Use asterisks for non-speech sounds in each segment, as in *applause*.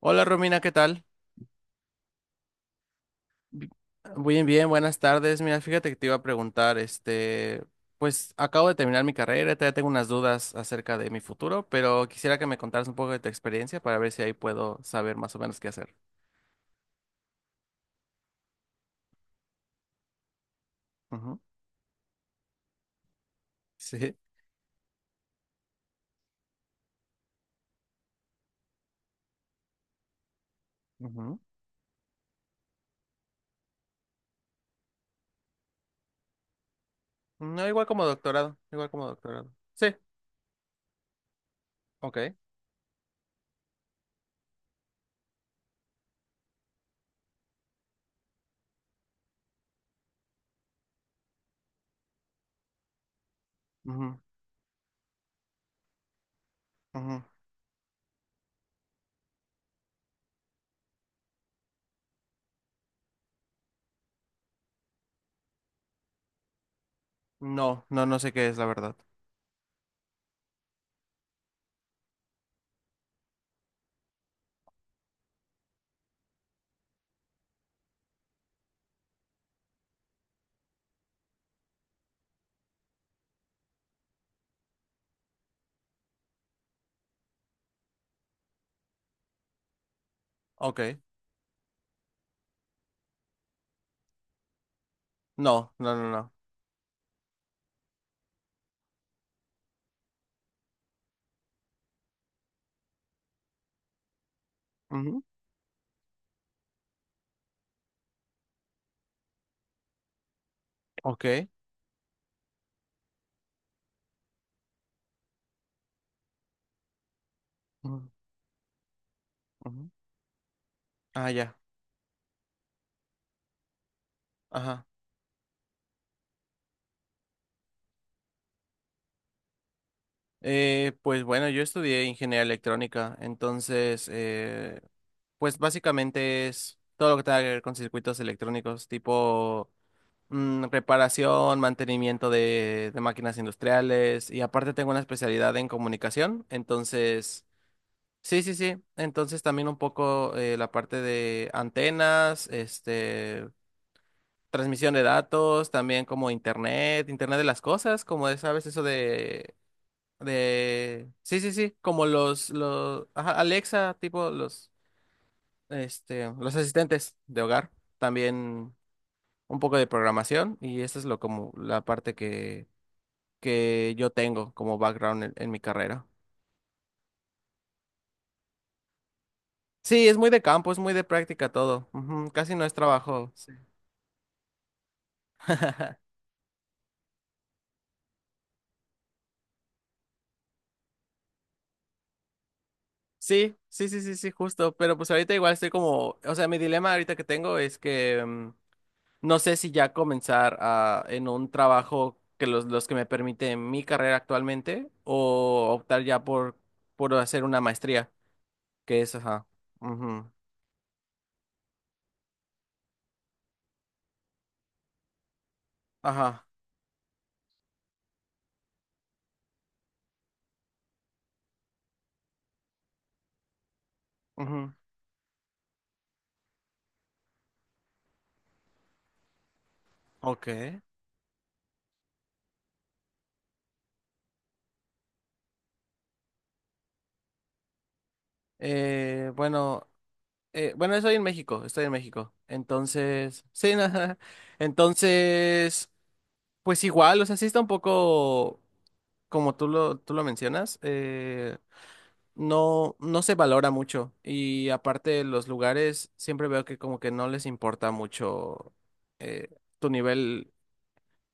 Hola Romina, ¿qué tal? Bi- Bien, bien, buenas tardes. Mira, fíjate que te iba a preguntar, este, pues acabo de terminar mi carrera, todavía tengo unas dudas acerca de mi futuro, pero quisiera que me contaras un poco de tu experiencia para ver si ahí puedo saber más o menos qué hacer. Ujú. Sí. Ujú. No, igual como doctorado, igual como doctorado. Sí, ok. Ujú, ujú. No, no, no sé qué es la verdad. Ok. No, no, no, no. Ujú. Ok. Ujú, ujú. Ah, ya. Ajá. Pues bueno, yo estudié ingeniería electrónica, entonces, pues básicamente es todo lo que tenga que ver con circuitos electrónicos, tipo reparación, mantenimiento de máquinas industriales, y aparte tengo una especialidad en comunicación, entonces, sí, sí, sí, entonces también un poco la parte de antenas, este, transmisión de datos, también como internet, internet de las cosas, como de, sabes, eso de. Sí, sí, sí. Como los. Ajá, Alexa, tipo los. Este. Los asistentes de hogar. También un poco de programación. Y esa es lo como la parte que yo tengo como background en mi carrera. Sí, es muy de campo, es muy de práctica todo. Ujú, casi no es trabajo. Sí. *laughs* Sí, sí, sí, sí, sí, justo. Pero pues ahorita igual estoy como. O sea, mi dilema ahorita que tengo es que. No sé si ya comenzar en un trabajo que los que me permite mi carrera actualmente o optar ya por hacer una maestría, que es, ujú, ajá, ujú, ok. Bueno, bueno, estoy en México, estoy en México. Entonces, sí, *laughs* ajá. Entonces, pues igual, o sea, sí está un poco como tú lo mencionas. No, no se valora mucho. Y aparte, los lugares siempre veo que como que no les importa mucho eh, tu nivel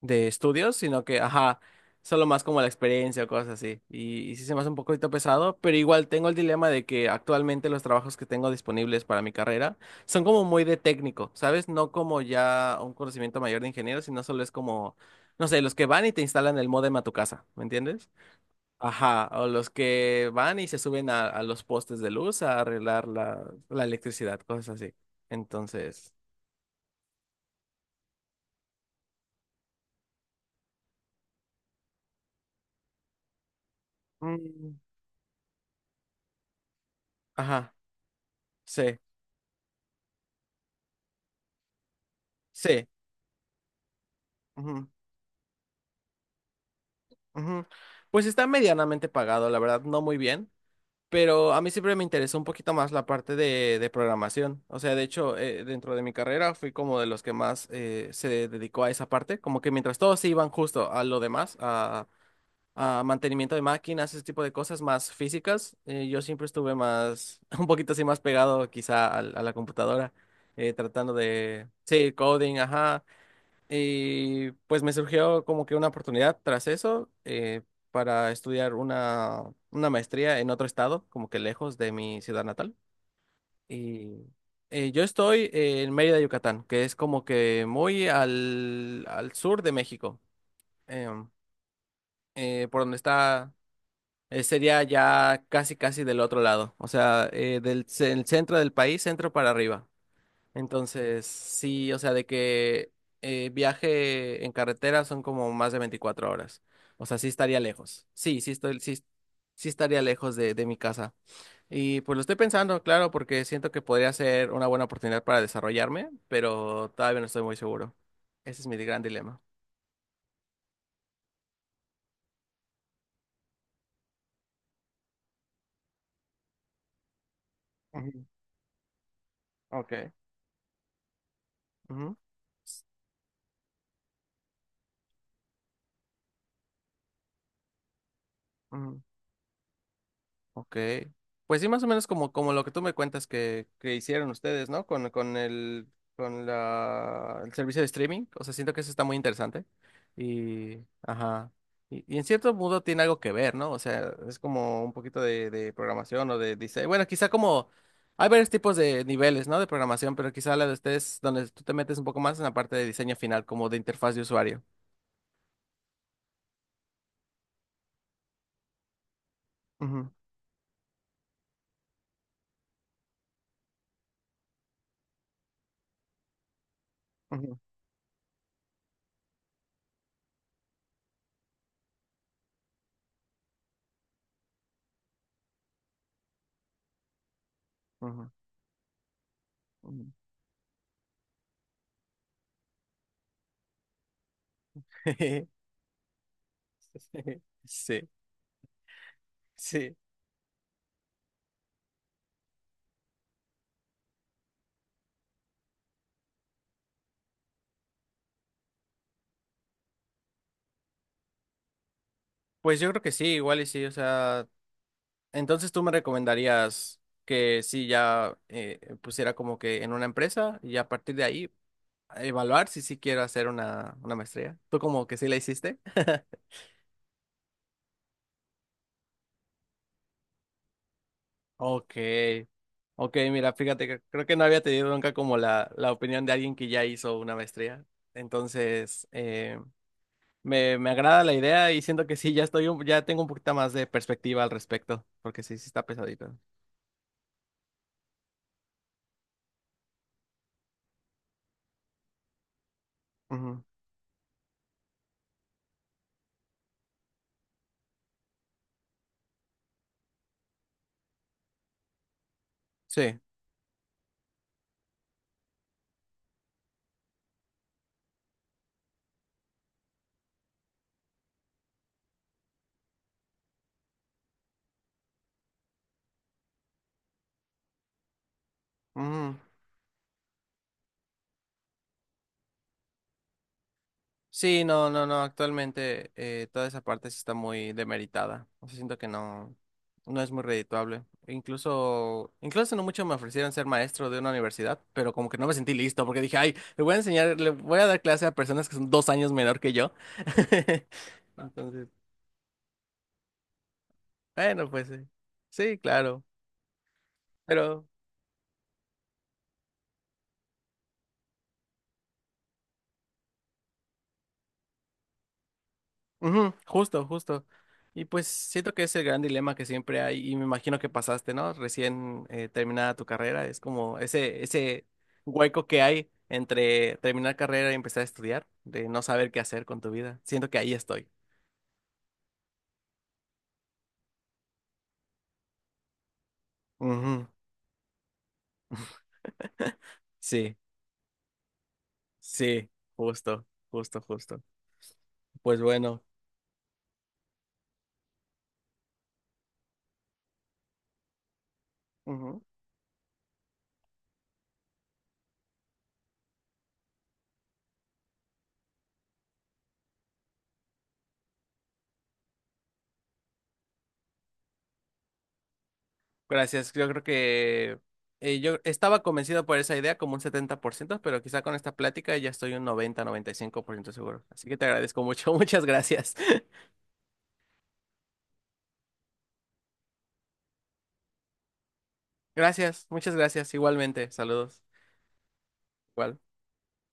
de estudios, sino que, ajá, solo más como la experiencia o cosas así. Y sí se me hace un poquito pesado, pero igual tengo el dilema de que actualmente los trabajos que tengo disponibles para mi carrera son como muy de técnico, ¿sabes? No como ya un conocimiento mayor de ingeniero, sino solo es como, no sé, los que van y te instalan el módem a tu casa, ¿me entiendes? Ajá, o los que van y se suben a los postes de luz a arreglar la electricidad, cosas así. Entonces, mm, ajá, sí, sí. Ujú, ujú. Pues está medianamente pagado, la verdad, no muy bien, pero a mí siempre me interesó un poquito más la parte de programación. O sea, de hecho, dentro de mi carrera fui como de los que más se dedicó a esa parte, como que mientras todos se iban justo a lo demás, a mantenimiento de máquinas, ese tipo de cosas más físicas. Yo siempre estuve más, *laughs* un poquito así más pegado quizá a la computadora, tratando de, sí, coding, ajá. Y pues me surgió como que una oportunidad tras eso para estudiar una maestría en otro estado, como que lejos de mi ciudad natal. Y yo estoy en Mérida, Yucatán, que es como que muy al sur de México, em, por donde está... Sería ya casi, casi del otro lado, o sea, del el centro del país, centro para arriba. Entonces, sí, o sea, de que viaje en carretera son como más de 24 horas. O sea, sí estaría lejos. Sí, sí estoy, sí, sí estaría lejos de mi casa. Y pues lo estoy pensando, claro, porque siento que podría ser una buena oportunidad para desarrollarme, pero todavía no estoy muy seguro. Ese es mi gran dilema. Ujú. Ok. Ujú, ujú. Ok. Pues sí, más o menos como, lo que tú me cuentas que hicieron ustedes, ¿no? Con el servicio de streaming. O sea, siento que eso está muy interesante. Y, ajá. Y en cierto modo tiene algo que ver, ¿no? O sea, es como un poquito de programación o de diseño. Bueno, quizá como hay varios tipos de niveles, ¿no? De programación, pero quizá la de ustedes, donde tú te metes un poco más en la parte de diseño final, como de interfaz de usuario. Ujú, ujú, ujú, ujú. *laughs* Sí, sí. Pues yo creo que sí, igual y sí, o sea, entonces tú me recomendarías que sí ya pusiera como que en una empresa y a partir de ahí evaluar si sí quiero hacer una maestría. ¿Tú como que sí la hiciste? Ok, ok, mira, fíjate que creo que no había tenido nunca como la opinión de alguien que ya hizo una maestría. Entonces, me agrada la idea y siento que sí, ya estoy, ya tengo un poquito más de perspectiva al respecto, porque sí, sí está pesadito. Ujú. Sí. Ujú. Sí, no, no, no, actualmente toda esa parte sí está muy demeritada. O sea, siento que no, no es muy redituable. E incluso no mucho me ofrecieron ser maestro de una universidad, pero como que no me sentí listo porque dije, ay, le voy a enseñar, le voy a dar clase a personas que son 2 años menor que yo. *laughs* Entonces, bueno, pues sí, sí, claro. Pero. Ujú, justo, justo. Y pues siento que es el gran dilema que siempre hay y me imagino que pasaste, ¿no? Recién terminada tu carrera, es como ese hueco que hay entre terminar carrera y empezar a estudiar, de no saber qué hacer con tu vida. Siento que ahí estoy. Ujú. *laughs* Sí, sí, justo, justo, justo. Pues bueno. Gracias, yo creo que yo estaba convencido por esa idea como un 70%, pero quizá con esta plática ya estoy un 90, 95% seguro. Así que te agradezco mucho, *laughs* muchas gracias. *laughs* Gracias, muchas gracias, igualmente, saludos. Igual.